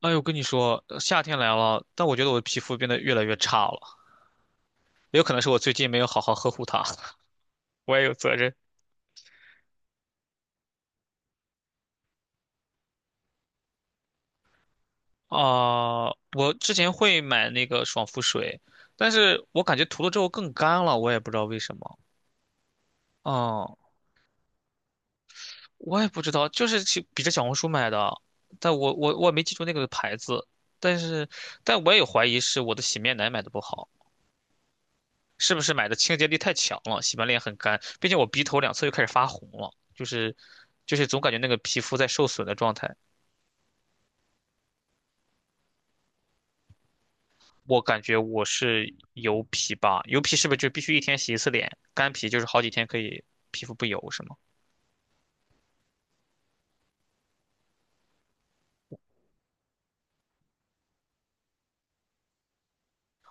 哎呦，跟你说，夏天来了，但我觉得我的皮肤变得越来越差了，也有可能是我最近没有好好呵护它，我也有责任。啊、我之前会买那个爽肤水，但是我感觉涂了之后更干了，我也不知道为什么。嗯，我也不知道，就是去比着小红书买的，但我没记住那个牌子，但是但我也有怀疑是我的洗面奶买的不好。是不是买的清洁力太强了，洗完脸很干，并且我鼻头两侧又开始发红了，就是总感觉那个皮肤在受损的状态。我感觉我是油皮吧，油皮是不是就必须一天洗一次脸？干皮就是好几天可以，皮肤不油是吗？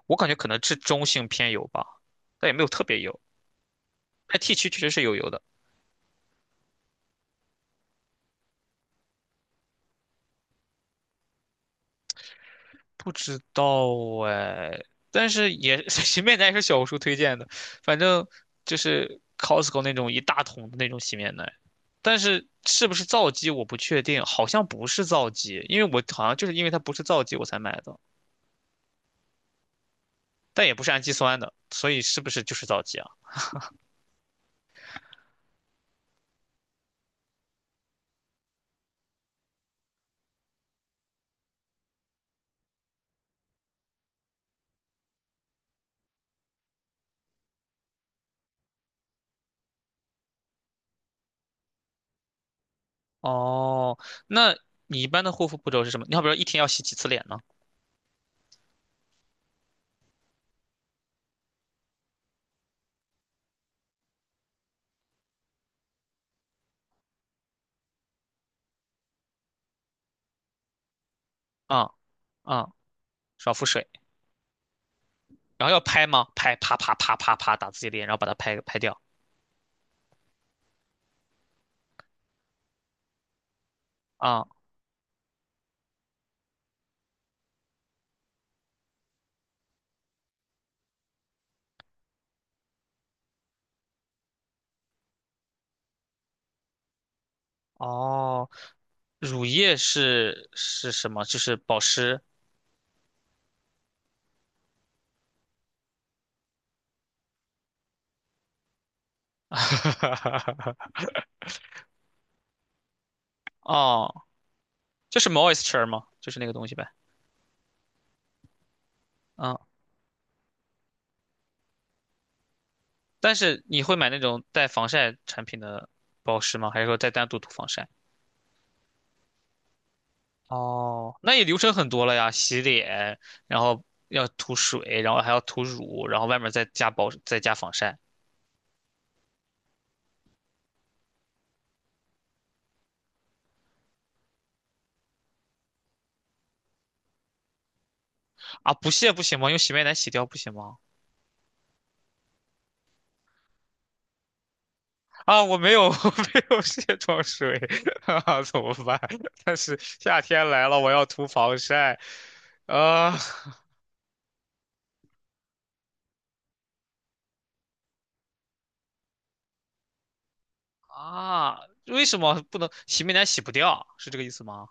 我感觉可能是中性偏油吧，但也没有特别油。那 T 区确实是有油的，不知道哎，但是也 洗面奶也是 小红书推荐的，反正就是 Costco 那种一大桶的那种洗面奶。但是是不是皂基我不确定，好像不是皂基，因为我好像就是因为它不是皂基我才买的，但也不是氨基酸的，所以是不是就是皂基啊？哦，那你一般的护肤步骤是什么？你好比说一天要洗几次脸呢？啊、啊、少肤水，然后要拍吗？拍，啪啪啪啪啪打自己脸，然后把它拍拍掉。啊、哦，乳液是什么？就是保湿。哦，就是 moisture 吗？就是那个东西呗。嗯、但是你会买那种带防晒产品的保湿吗？还是说再单独涂防晒？哦，那也流程很多了呀，洗脸，然后要涂水，然后还要涂乳，然后外面再加保，再加防晒。啊，不卸不行吗？用洗面奶洗掉不行吗？啊，我没有，我没有卸妆水，哈哈，怎么办？但是夏天来了，我要涂防晒，啊啊，为什么不能洗面奶洗不掉？是这个意思吗？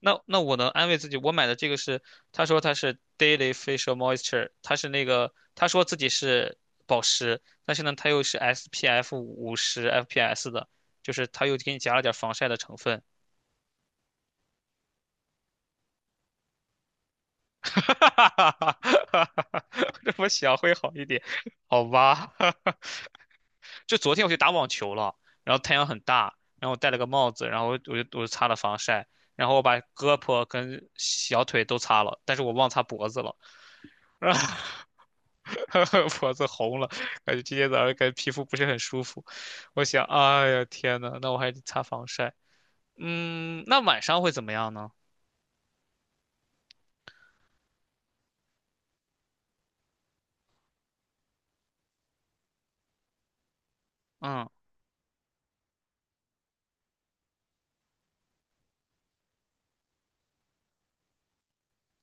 那我能安慰自己，我买的这个是，他说他是 Daily Facial Moisture，他是那个他说自己是保湿，但是呢，它又是 SPF 五十 FPS 的，就是他又给你加了点防晒的成分。哈哈哈哈哈！这么想会好一点，好吧？就昨天我去打网球了，然后太阳很大，然后我戴了个帽子，然后我就擦了防晒，然后我把胳膊跟小腿都擦了，但是我忘擦脖子了。脖子红了，感觉今天早上感觉皮肤不是很舒服。我想，哎呀，天呐，那我还得擦防晒。嗯，那晚上会怎么样呢？嗯，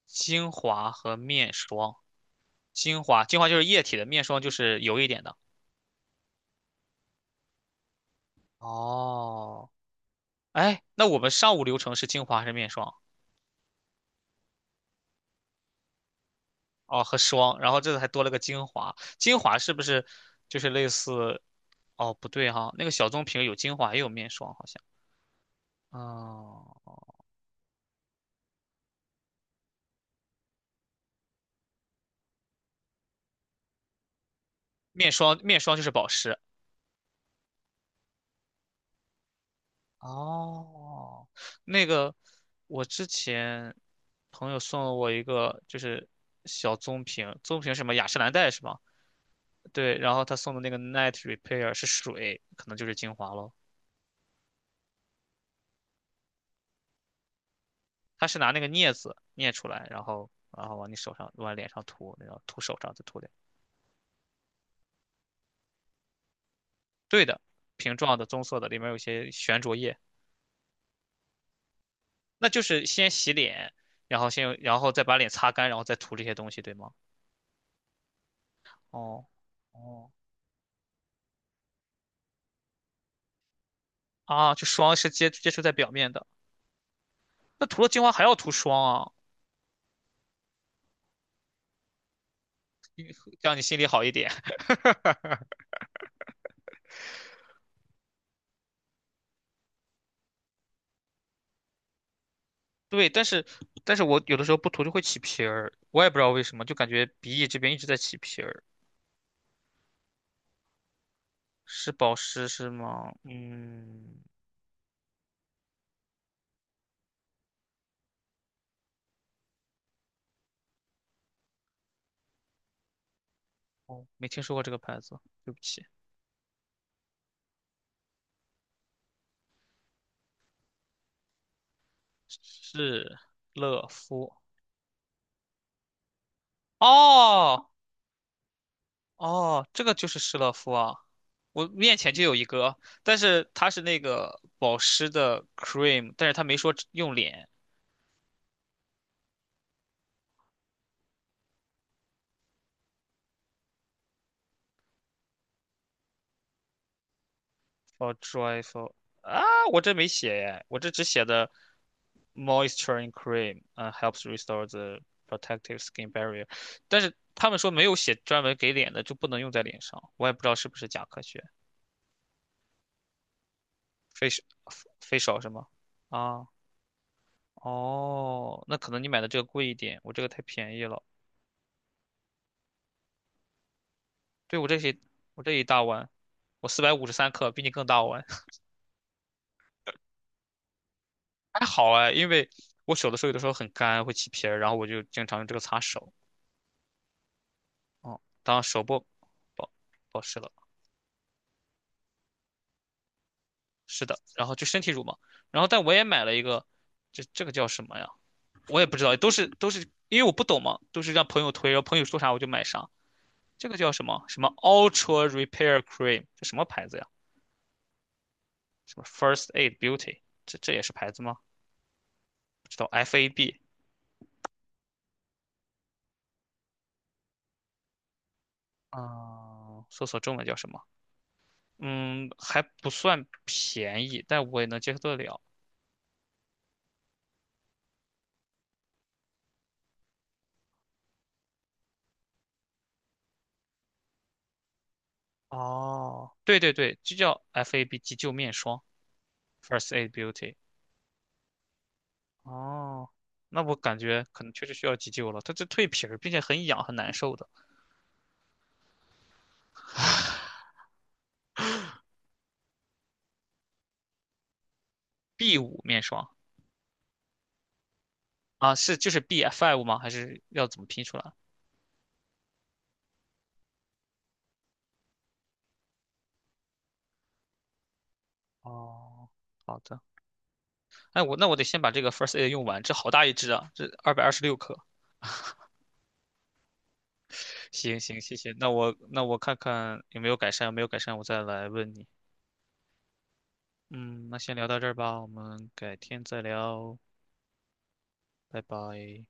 精华和面霜，精华，精华就是液体的，面霜就是油一点的。哦，哎，那我们上午流程是精华还是面霜？哦，和霜，然后这次还多了个精华。精华是不是就是类似？哦，不对哈，那个小棕瓶有精华也有面霜，好像。哦，面霜面霜就是保湿，哦，那个我之前朋友送了我一个，就是小棕瓶，棕瓶是什么雅诗兰黛是吗？对，然后他送的那个 Night Repair 是水，可能就是精华咯。他是拿那个镊子镊出来，然后往你手上往脸上涂，然后涂手上再涂脸。对的，瓶状的棕色的，里面有一些悬浊液，那就是先洗脸，然后先用然后再把脸擦干，然后再涂这些东西，对吗？哦哦啊，就霜是接触在表面的。那涂了精华还要涂霜啊，让你心里好一点。对，但是我有的时候不涂就会起皮儿，我也不知道为什么，就感觉鼻翼这边一直在起皮儿。是保湿是吗？嗯，哦，没听说过这个牌子，对不起。是乐肤。哦哦，这个就是施乐肤啊，我面前就有一个，但是它是那个保湿的 cream，但是它没说用脸。for joyful 啊，我这没写耶，我这只写的 moisturizing cream，嗯，helps restore the protective skin barrier，但是他们说没有写专门给脸的就不能用在脸上，我也不知道是不是假科学。facial facial 是吗？啊，哦，那可能你买的这个贵一点，我这个太便宜了。对，我这些，我这一大碗，我453克，比你更大碗，还好哎，因为我手的时候有的时候很干，会起皮儿，然后我就经常用这个擦手。哦，当手部保保湿了。是的，然后就身体乳嘛，然后但我也买了一个，这个叫什么呀？我也不知道，都是因为我不懂嘛，都是让朋友推，然后朋友说啥我就买啥。这个叫什么什么 Ultra Repair Cream，这什么牌子呀？什么 First Aid Beauty，这也是牌子吗？不知道 FAB 啊，搜索中文叫什么？嗯，还不算便宜，但我也能接受得了。哦，对对对，就叫 FAB 急救面霜，First Aid Beauty。哦，那我感觉可能确实需要急救了。它这蜕皮儿，并且很痒，很难受的。B5面霜啊，是就是 B five 吗？还是要怎么拼出来？哦，好的。哎，我得先把这个 First Aid 用完，这好大一支啊，这226克。行行，谢谢。那我看看有没有改善，没有改善我再来问你。嗯，那先聊到这儿吧，我们改天再聊，拜拜。